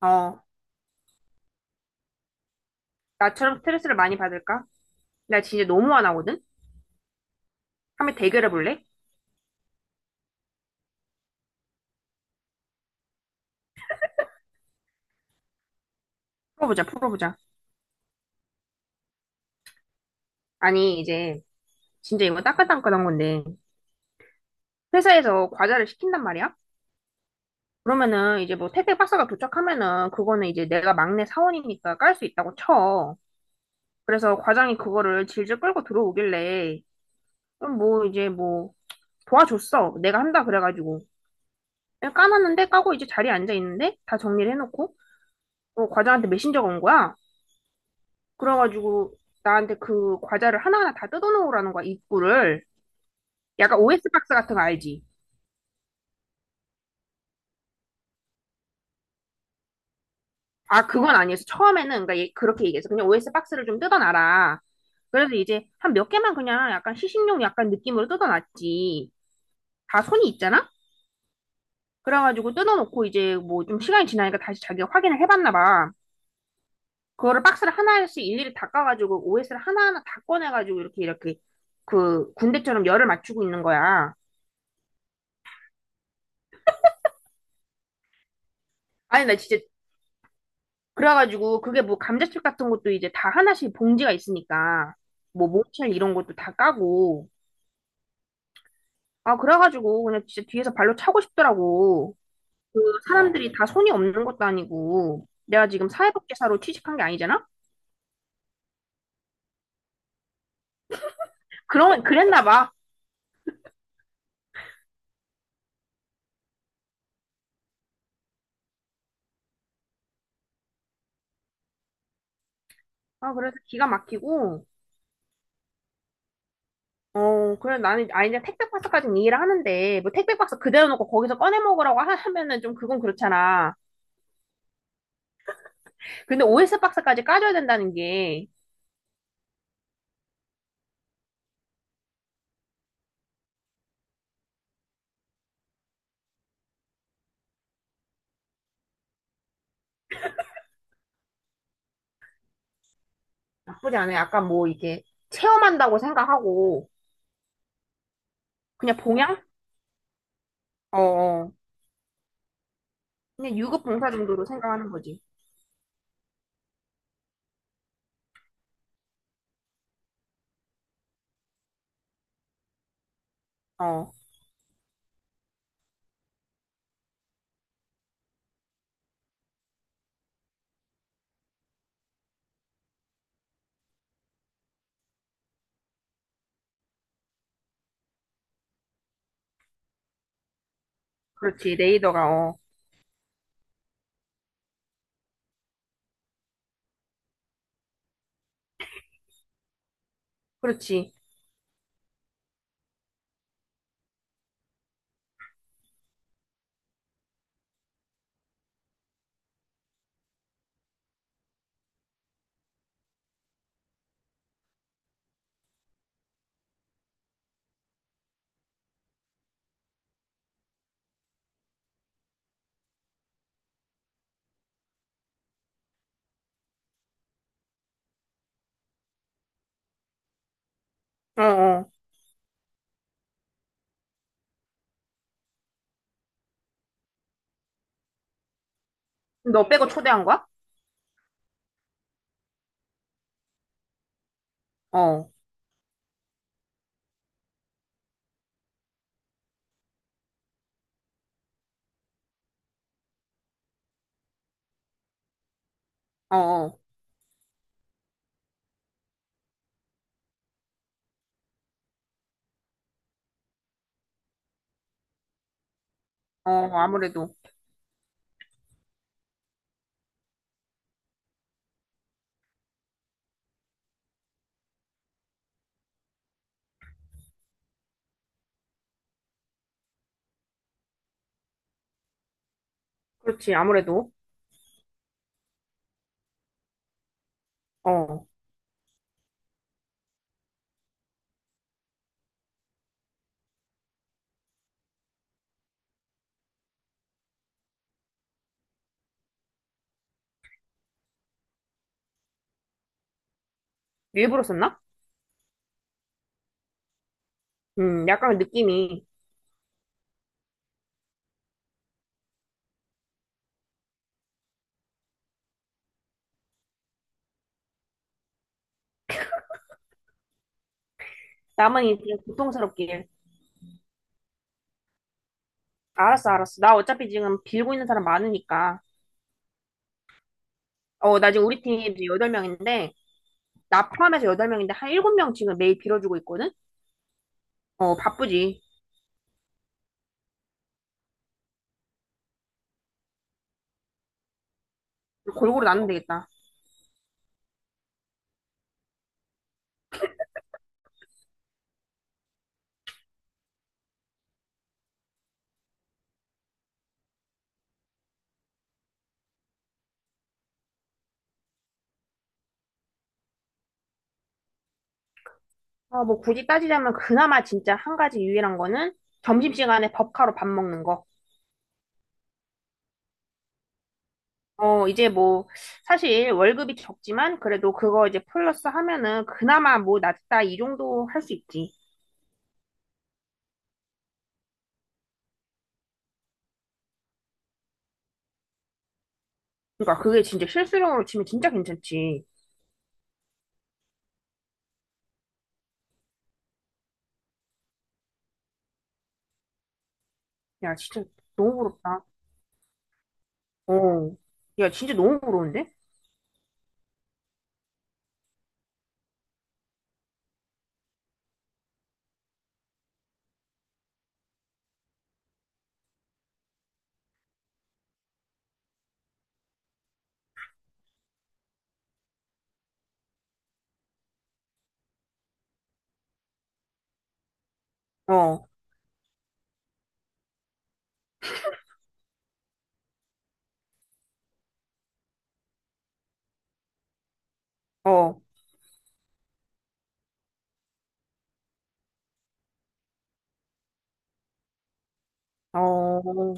어, 나처럼 스트레스를 많이 받을까? 나 진짜 너무 화나거든? 한번 대결해 볼래? 풀어보자, 풀어보자. 아니, 이제, 진짜 이거 따끈따끈한 건데, 회사에서 과자를 시킨단 말이야? 그러면은, 이제 뭐 택배 박스가 도착하면은, 그거는 이제 내가 막내 사원이니까 깔 수 있다고 쳐. 그래서 과장이 그거를 질질 끌고 들어오길래, 그럼 뭐, 이제 뭐, 도와줬어. 내가 한다, 그래가지고. 까놨는데, 까고 이제 자리에 앉아 있는데, 다 정리를 해놓고, 어, 과장한테 메신저가 온 거야. 그래가지고 나한테 그 과자를 하나하나 다 뜯어놓으라는 거야, 입구를. 약간 OS 박스 같은 거 알지? 아, 그건 아니었어. 처음에는, 그러니까 얘 그렇게 얘기했어. 그냥 OS 박스를 좀 뜯어놔라. 그래서 이제 한 몇 개만 그냥 약간 시식용 약간 느낌으로 뜯어놨지. 다 손이 있잖아? 그래가지고 뜯어놓고 이제 뭐 좀 시간이 지나니까 다시 자기가 확인을 해봤나 봐. 그거를 박스를 하나씩 일일이 닦아가지고 OS를 하나하나 다 꺼내가지고 이렇게 이렇게 그 군대처럼 열을 맞추고 있는 거야. 아니, 나 진짜. 그래가지고 그게 뭐 감자칩 같은 것도 이제 다 하나씩 봉지가 있으니까 뭐 모첼 이런 것도 다 까고, 아, 그래가지고 그냥 진짜 뒤에서 발로 차고 싶더라고. 그 사람들이 다 손이 없는 것도 아니고 내가 지금 사회복지사로 취직한 게 아니잖아. 그런 그랬나 봐아. 그래서 기가 막히고. 어, 그래, 나는, 아, 이제 택배 박스까지는 이해를 하는데 뭐 택배 박스 그대로 놓고 거기서 꺼내 먹으라고 하면은 좀, 그건 그렇잖아. 근데 OS 박스까지 까줘야 된다는 게. 나쁘지 않아요. 약간 뭐 이게 체험한다고 생각하고. 그냥 봉양? 어, 어. 그냥 유급 봉사 정도로 생각하는 거지. 어, 그렇지. 레이더가, 어, 그렇지. 어, 어. 너 빼고 초대한 거야? 어, 어, 어, 어. 아무래도 그렇지. 아무래도. 어. 일부러 썼나? 약간 느낌이. 남은 인생 고통스럽길. 알았어, 알았어. 나 어차피 지금 빌고 있는 사람 많으니까. 어, 나 지금 우리 팀 이제 8명인데, 나 포함해서 8명인데, 한 7명 지금 매일 빌어주고 있거든? 어, 바쁘지. 골고루 나누면 되겠다. 아, 뭐 굳이 따지자면 그나마 진짜 한 가지 유일한 거는 점심시간에 법카로 밥 먹는 거. 어, 이제 뭐 사실 월급이 적지만 그래도 그거 이제 플러스 하면은 그나마 뭐 낫다 이 정도 할 수 있지. 그러니까 그게 진짜 실수령으로 치면 진짜 괜찮지. 야, 진짜 너무 부럽다. 어. 야, 진짜 너무 부러운데? 어. 어. 어.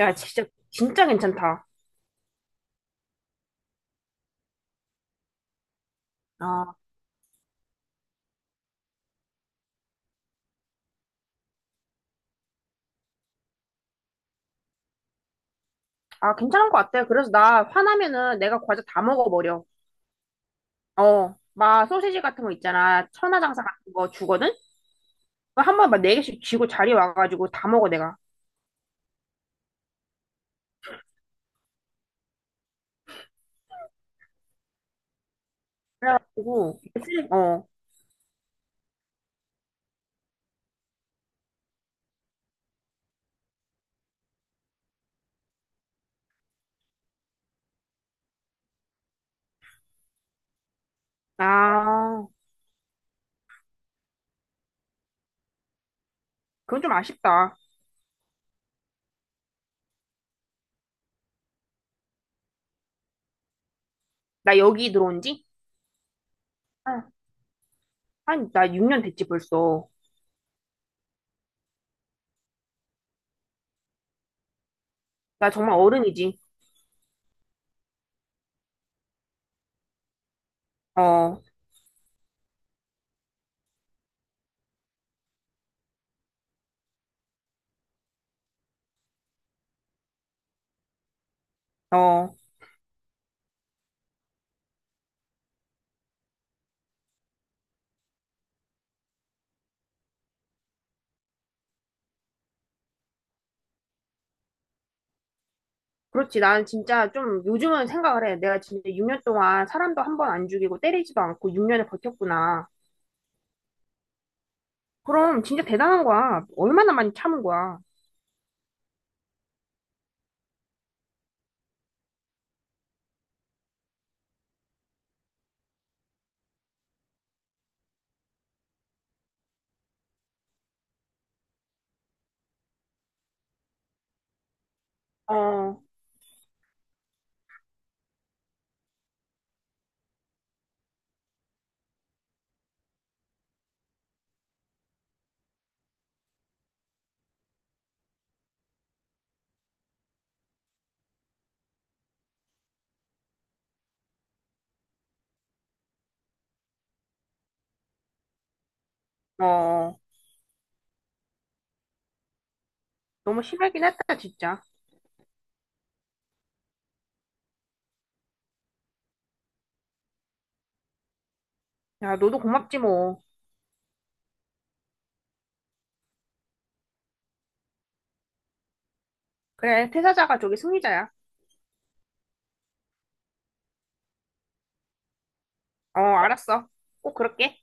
야, 진짜 진짜 괜찮다. 아, 아, 괜찮은 것 같아. 그래서 나 화나면은 내가 과자 다 먹어버려. 어, 막 소시지 같은 거 있잖아. 천하장사 같은 거 주거든? 그거 한 번 막 네 개씩 쥐고 자리 와가지고 다 먹어, 내가. 어. 아, 그건 좀 아쉽다. 나 여기 들어온 지? 한, 나 6년 됐지, 벌써. 나 정말 어른이지. 어, 어. 그렇지. 난 진짜 좀 요즘은 생각을 해. 내가 진짜 6년 동안 사람도 한 번 안 죽이고 때리지도 않고 6년을 버텼구나. 그럼 진짜 대단한 거야. 얼마나 많이 참은 거야. 어, 어. 어. 너무 심하긴 했다, 진짜. 야, 너도 고맙지 뭐. 그래, 퇴사자가 저기 승리자야. 어, 알았어. 꼭 그럴게.